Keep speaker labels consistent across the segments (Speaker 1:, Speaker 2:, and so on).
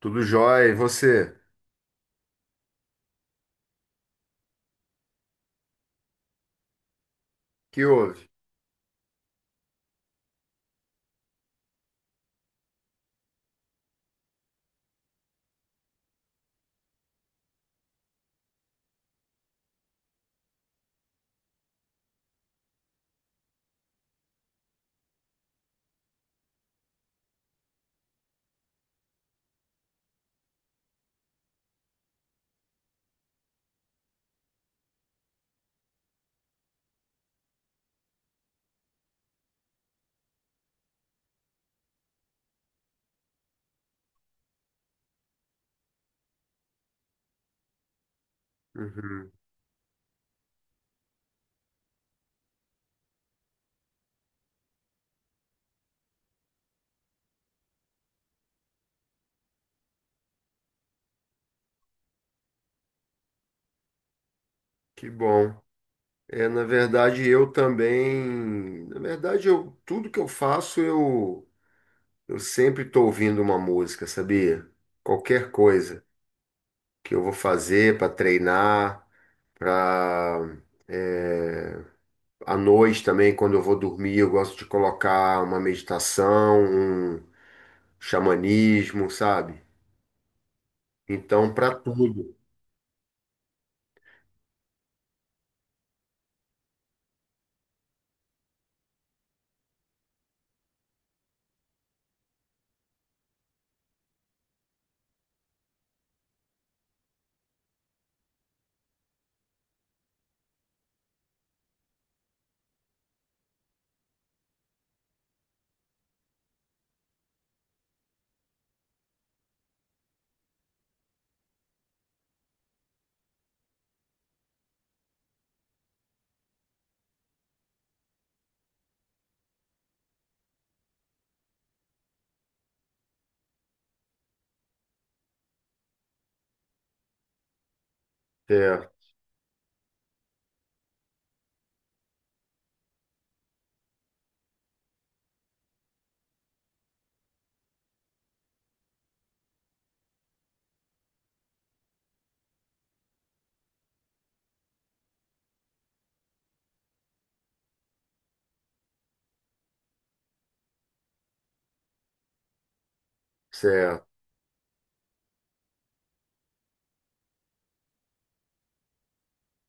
Speaker 1: Tudo jóia. E você? Que houve? Uhum. Que bom. É, na verdade, eu também. Na verdade, tudo que eu faço, eu sempre estou ouvindo uma música, sabia? Qualquer coisa que eu vou fazer para treinar, para. É, à noite também, quando eu vou dormir, eu gosto de colocar uma meditação, um xamanismo, sabe? Então, para tudo. Certo, certo.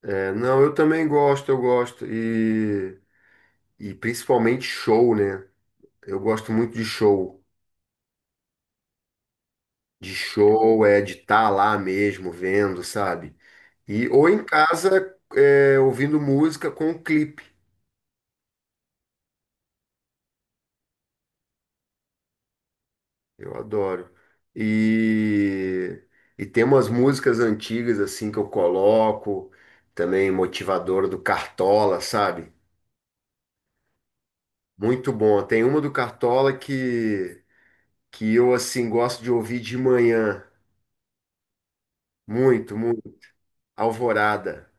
Speaker 1: É, não, eu também gosto. E principalmente show, né? Eu gosto muito de show. De show, é de estar lá mesmo, vendo, sabe? E, ou em casa, é, ouvindo música com o clipe. Eu adoro. E, e tem umas músicas antigas, assim, que eu coloco. Também motivadora do Cartola, sabe? Muito bom. Tem uma do Cartola que eu, assim, gosto de ouvir de manhã. Muito, muito. Alvorada.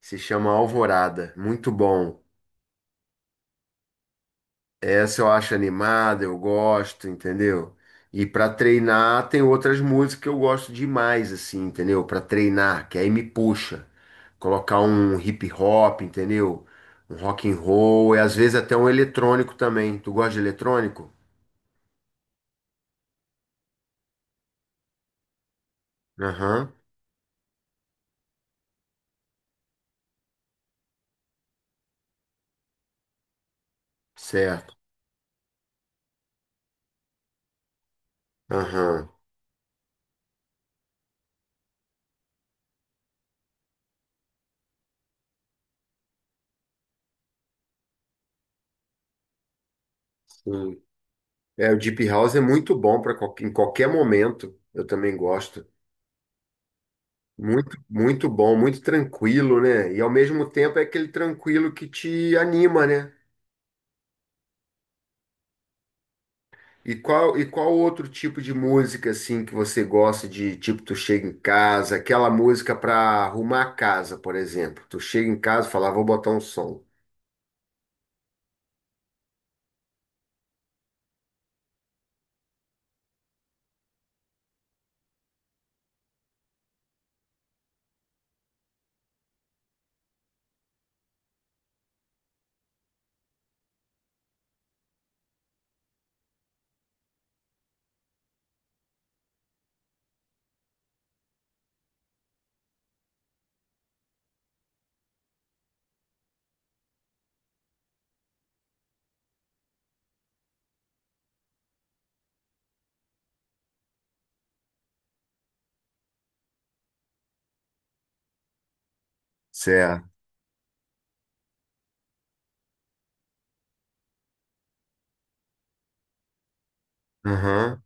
Speaker 1: Se chama Alvorada. Muito bom. Essa eu acho animada, eu gosto, entendeu? E para treinar tem outras músicas que eu gosto demais, assim, entendeu? Para treinar, que aí me puxa. Colocar um hip hop, entendeu? Um rock and roll e às vezes até um eletrônico também. Tu gosta de eletrônico? Aham, certo. Aham, sim. É, o Deep House é muito bom para em qualquer momento. Eu também gosto. Muito, muito bom, muito tranquilo, né? E ao mesmo tempo é aquele tranquilo que te anima, né? E qual outro tipo de música assim que você gosta de, tipo, tu chega em casa, aquela música para arrumar a casa, por exemplo. Tu chega em casa e fala, "Ah, vou botar um som." Certo. Aham.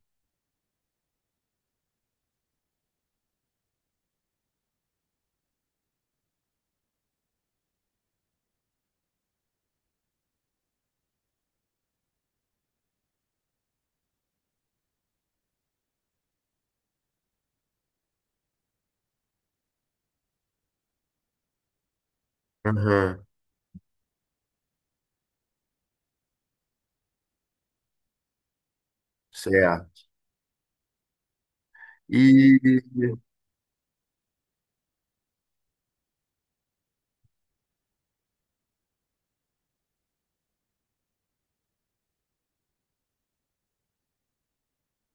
Speaker 1: Aham. Certo. E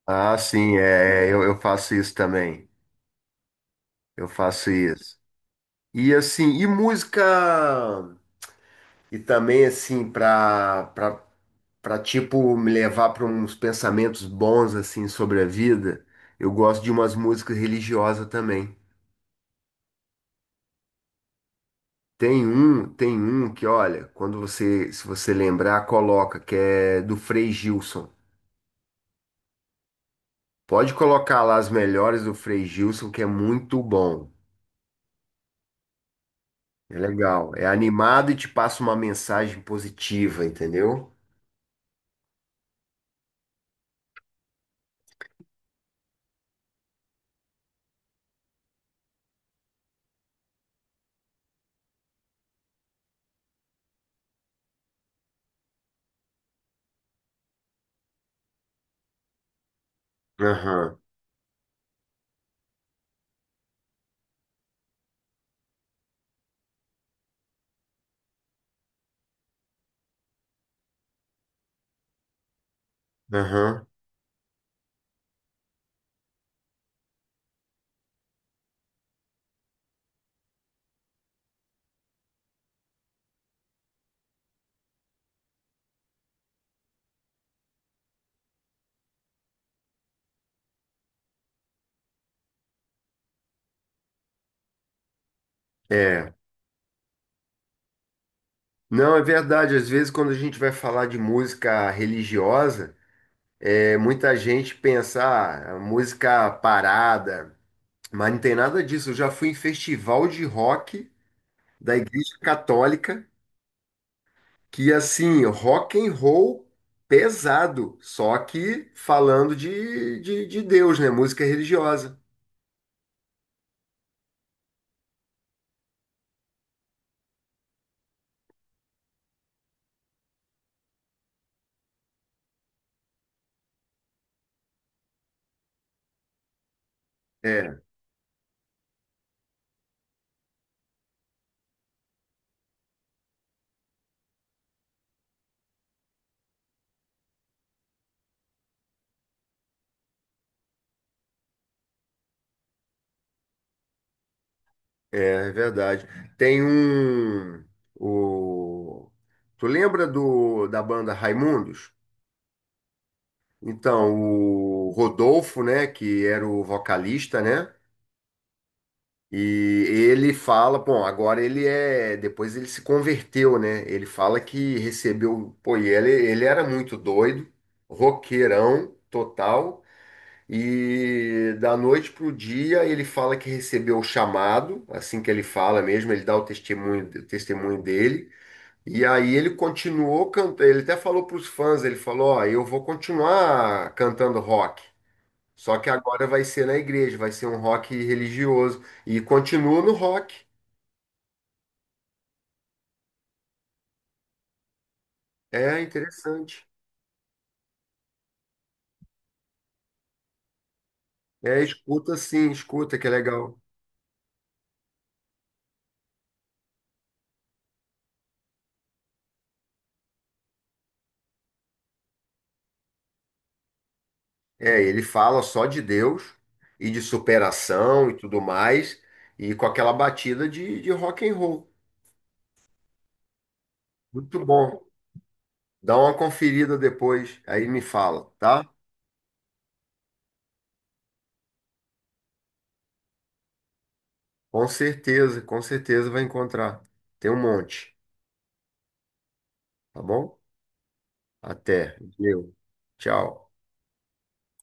Speaker 1: sim, é, eu faço isso também. Eu faço isso. E assim, e música e também assim para pra tipo me levar pra uns pensamentos bons assim sobre a vida, eu gosto de umas músicas religiosas também. Tem um que, olha, quando você, se você lembrar, coloca, que é do Frei Gilson. Pode colocar lá as melhores do Frei Gilson, que é muito bom. É legal, é animado e te passa uma mensagem positiva, entendeu? Aham, aham, é. Não, é verdade, às vezes quando a gente vai falar de música religiosa, é muita gente pensar ah, música parada, mas não tem nada disso. Eu já fui em festival de rock da Igreja Católica, que assim, rock and roll pesado, só que falando de Deus, né? Música religiosa. É, é é verdade. Tem um. O, tu lembra da banda Raimundos? Então, o Rodolfo, né, que era o vocalista, né? E ele fala, bom, agora ele é, depois ele se converteu, né? Ele fala que recebeu, pô, ele era muito doido, roqueirão total, e da noite pro dia ele fala que recebeu o chamado, assim que ele fala mesmo, ele dá o testemunho dele, e aí ele continuou cantando, ele até falou pros fãs, ele falou, ó, eu vou continuar cantando rock. Só que agora vai ser na igreja, vai ser um rock religioso. E continua no rock. É interessante. É, escuta sim, escuta que é legal. É, ele fala só de Deus e de superação e tudo mais, e com aquela batida de rock and roll. Muito bom. Dá uma conferida depois, aí me fala, tá? Com certeza vai encontrar. Tem um monte, tá bom? Até. Valeu. Tchau.